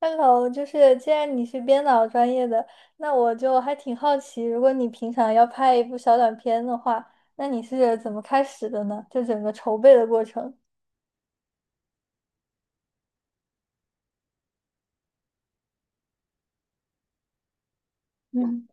Hello，就是既然你是编导专业的，那我就还挺好奇，如果你平常要拍一部小短片的话，那你是怎么开始的呢？就整个筹备的过程。嗯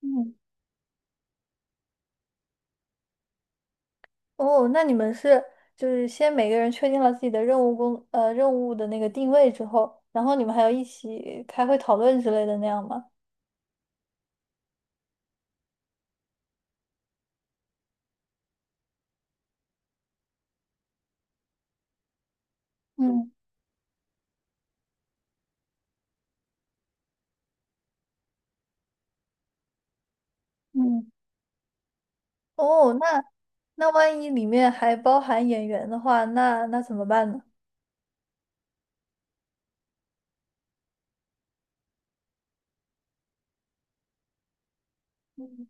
嗯，哦，那你们是就是先每个人确定了自己的任务的那个定位之后，然后你们还要一起开会讨论之类的那样吗？嗯嗯，哦，那万一里面还包含演员的话，那怎么办呢？嗯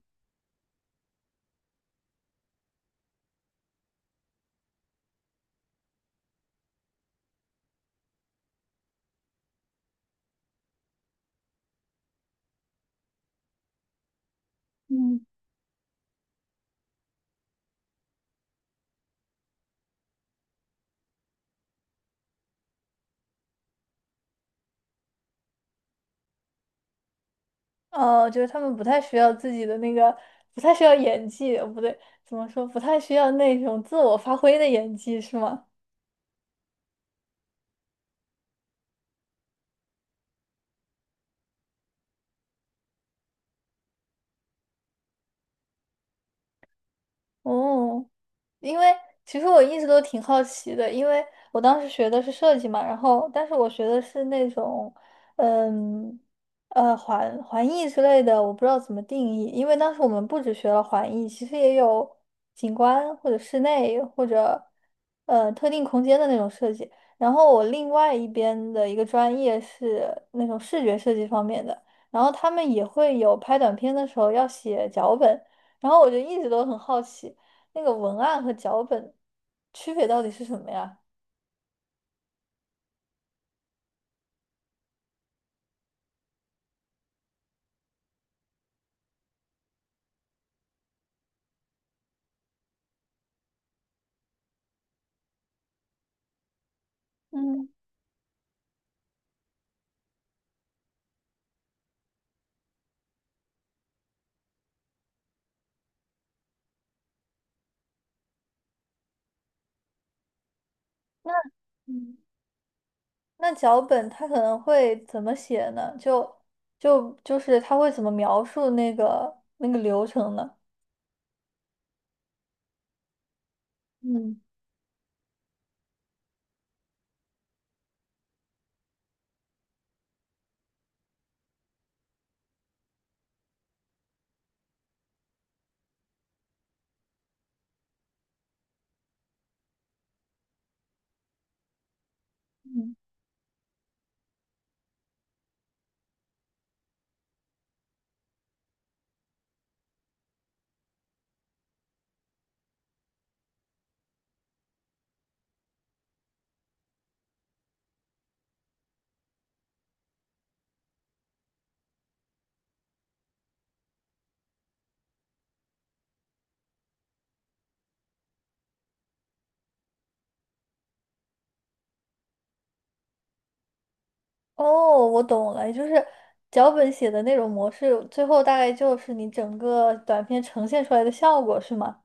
嗯哦，就是他们不太需要自己的那个，不太需要演技，哦不对，怎么说，不太需要那种自我发挥的演技，是吗？哦，因为其实我一直都挺好奇的，因为我当时学的是设计嘛，然后但是我学的是那种，嗯，环艺之类的，我不知道怎么定义，因为当时我们不只学了环艺，其实也有景观或者室内或者特定空间的那种设计。然后我另外一边的一个专业是那种视觉设计方面的，然后他们也会有拍短片的时候要写脚本。然后我就一直都很好奇，那个文案和脚本区别到底是什么呀？嗯那嗯那脚本它可能会怎么写呢？就是它会怎么描述那个流程呢？嗯嗯哦，我懂了，也就是脚本写的那种模式，最后大概就是你整个短片呈现出来的效果，是吗？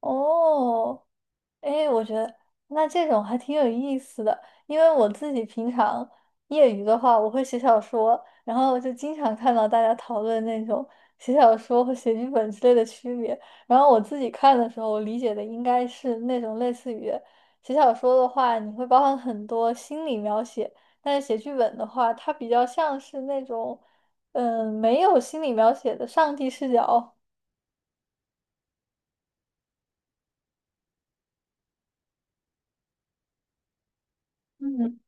哦，哎，我觉得那这种还挺有意思的，因为我自己平常业余的话，我会写小说，然后就经常看到大家讨论那种写小说和写剧本之类的区别。然后我自己看的时候，我理解的应该是那种类似于写小说的话，你会包含很多心理描写，但是写剧本的话，它比较像是那种没有心理描写的上帝视角。嗯。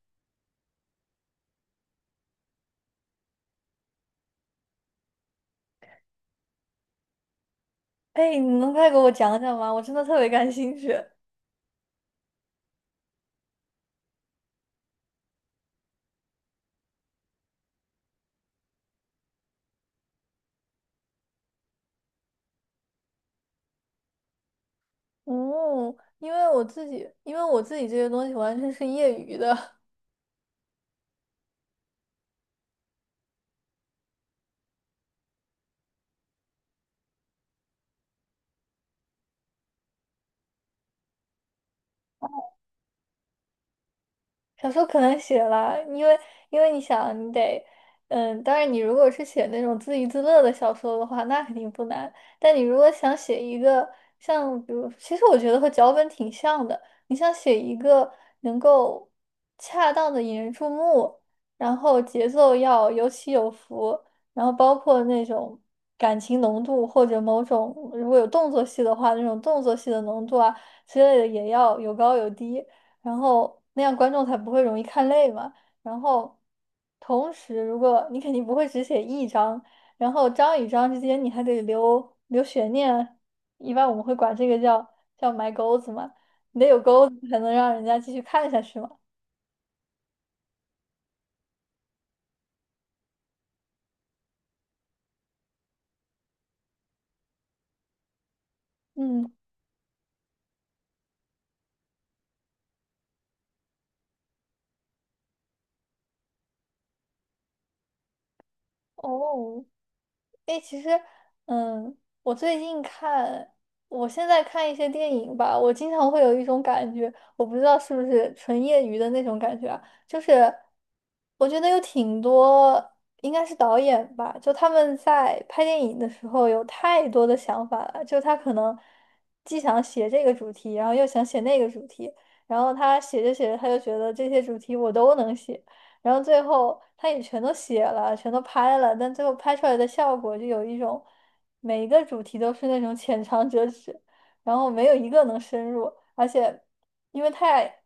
哎，你能再给我讲讲吗？我真的特别感兴趣。哦，因为我自己，因为我自己这些东西完全是业余的，小说可能写了，因为因为你想，你得，嗯，当然你如果是写那种自娱自乐的小说的话，那肯定不难。但你如果想写一个像，比如，其实我觉得和脚本挺像的，你想写一个能够恰当的引人注目，然后节奏要有起有伏，然后包括那种感情浓度或者某种如果有动作戏的话，那种动作戏的浓度啊之类的也要有高有低。然后那样观众才不会容易看累嘛。然后，同时如果你肯定不会只写一章，然后章与章之间你还得留悬念啊，一般我们会管这个叫埋钩子嘛，你得有钩子才能让人家继续看下去嘛。嗯，哦，哎，其实，嗯，我最近看，我现在看一些电影吧，我经常会有一种感觉，我不知道是不是纯业余的那种感觉啊，就是我觉得有挺多，应该是导演吧，就他们在拍电影的时候有太多的想法了，就他可能既想写这个主题，然后又想写那个主题，然后他写着写着他就觉得这些主题我都能写。然后最后他也全都写了，全都拍了，但最后拍出来的效果就有一种，每一个主题都是那种浅尝辄止，然后没有一个能深入，而且因为太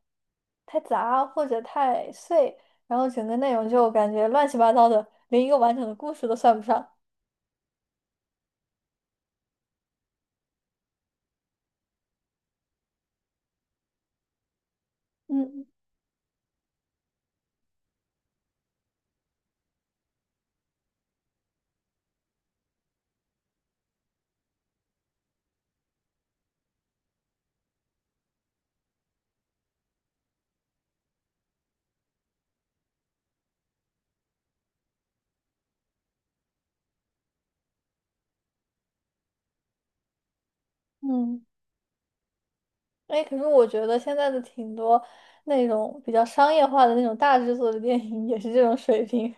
太杂或者太碎，然后整个内容就感觉乱七八糟的，连一个完整的故事都算不上。嗯嗯，哎，可是我觉得现在的挺多那种比较商业化的那种大制作的电影也是这种水平。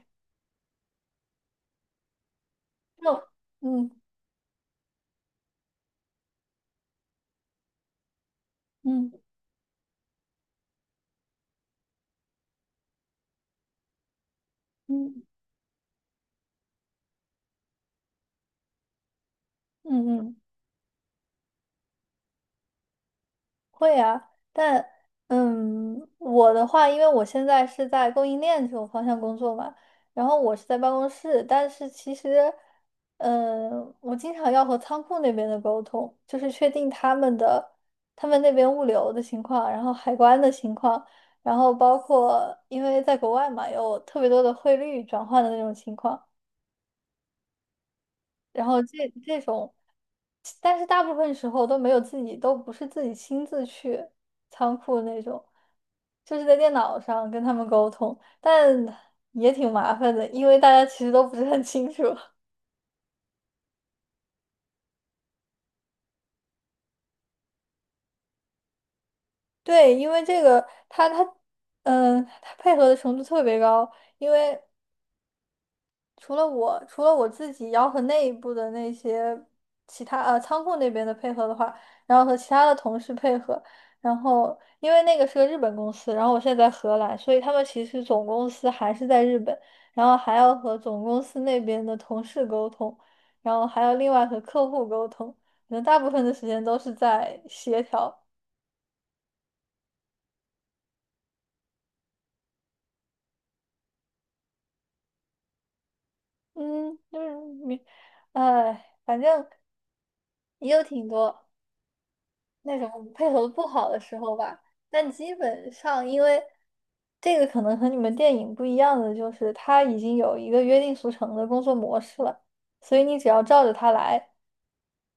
那种嗯嗯嗯嗯嗯。会啊，但嗯，我的话，因为我现在是在供应链这种方向工作嘛，然后我是在办公室，但是其实，嗯，我经常要和仓库那边的沟通，就是确定他们的他们那边物流的情况，然后海关的情况，然后包括因为在国外嘛，有特别多的汇率转换的那种情况。然后这种，但是大部分时候都没有自己，都不是自己亲自去仓库那种，就是在电脑上跟他们沟通，但也挺麻烦的，因为大家其实都不是很清楚。对，因为这个他，嗯，他配合的程度特别高，因为。除了我，除了我自己，要和内部的那些其他仓库那边的配合的话，然后和其他的同事配合，然后因为那个是个日本公司，然后我现在在荷兰，所以他们其实总公司还是在日本，然后还要和总公司那边的同事沟通，然后还要另外和客户沟通，可能大部分的时间都是在协调，嗯，就是你，哎，反正也有挺多。那种配合不好的时候吧。但基本上，因为这个可能和你们电影不一样的，就是他已经有一个约定俗成的工作模式了，所以你只要照着他来，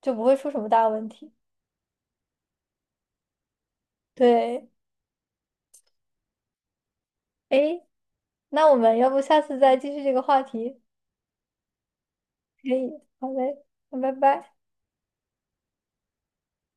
就不会出什么大问题。对，诶，那我们要不下次再继续这个话题？可以，好嘞，那拜拜。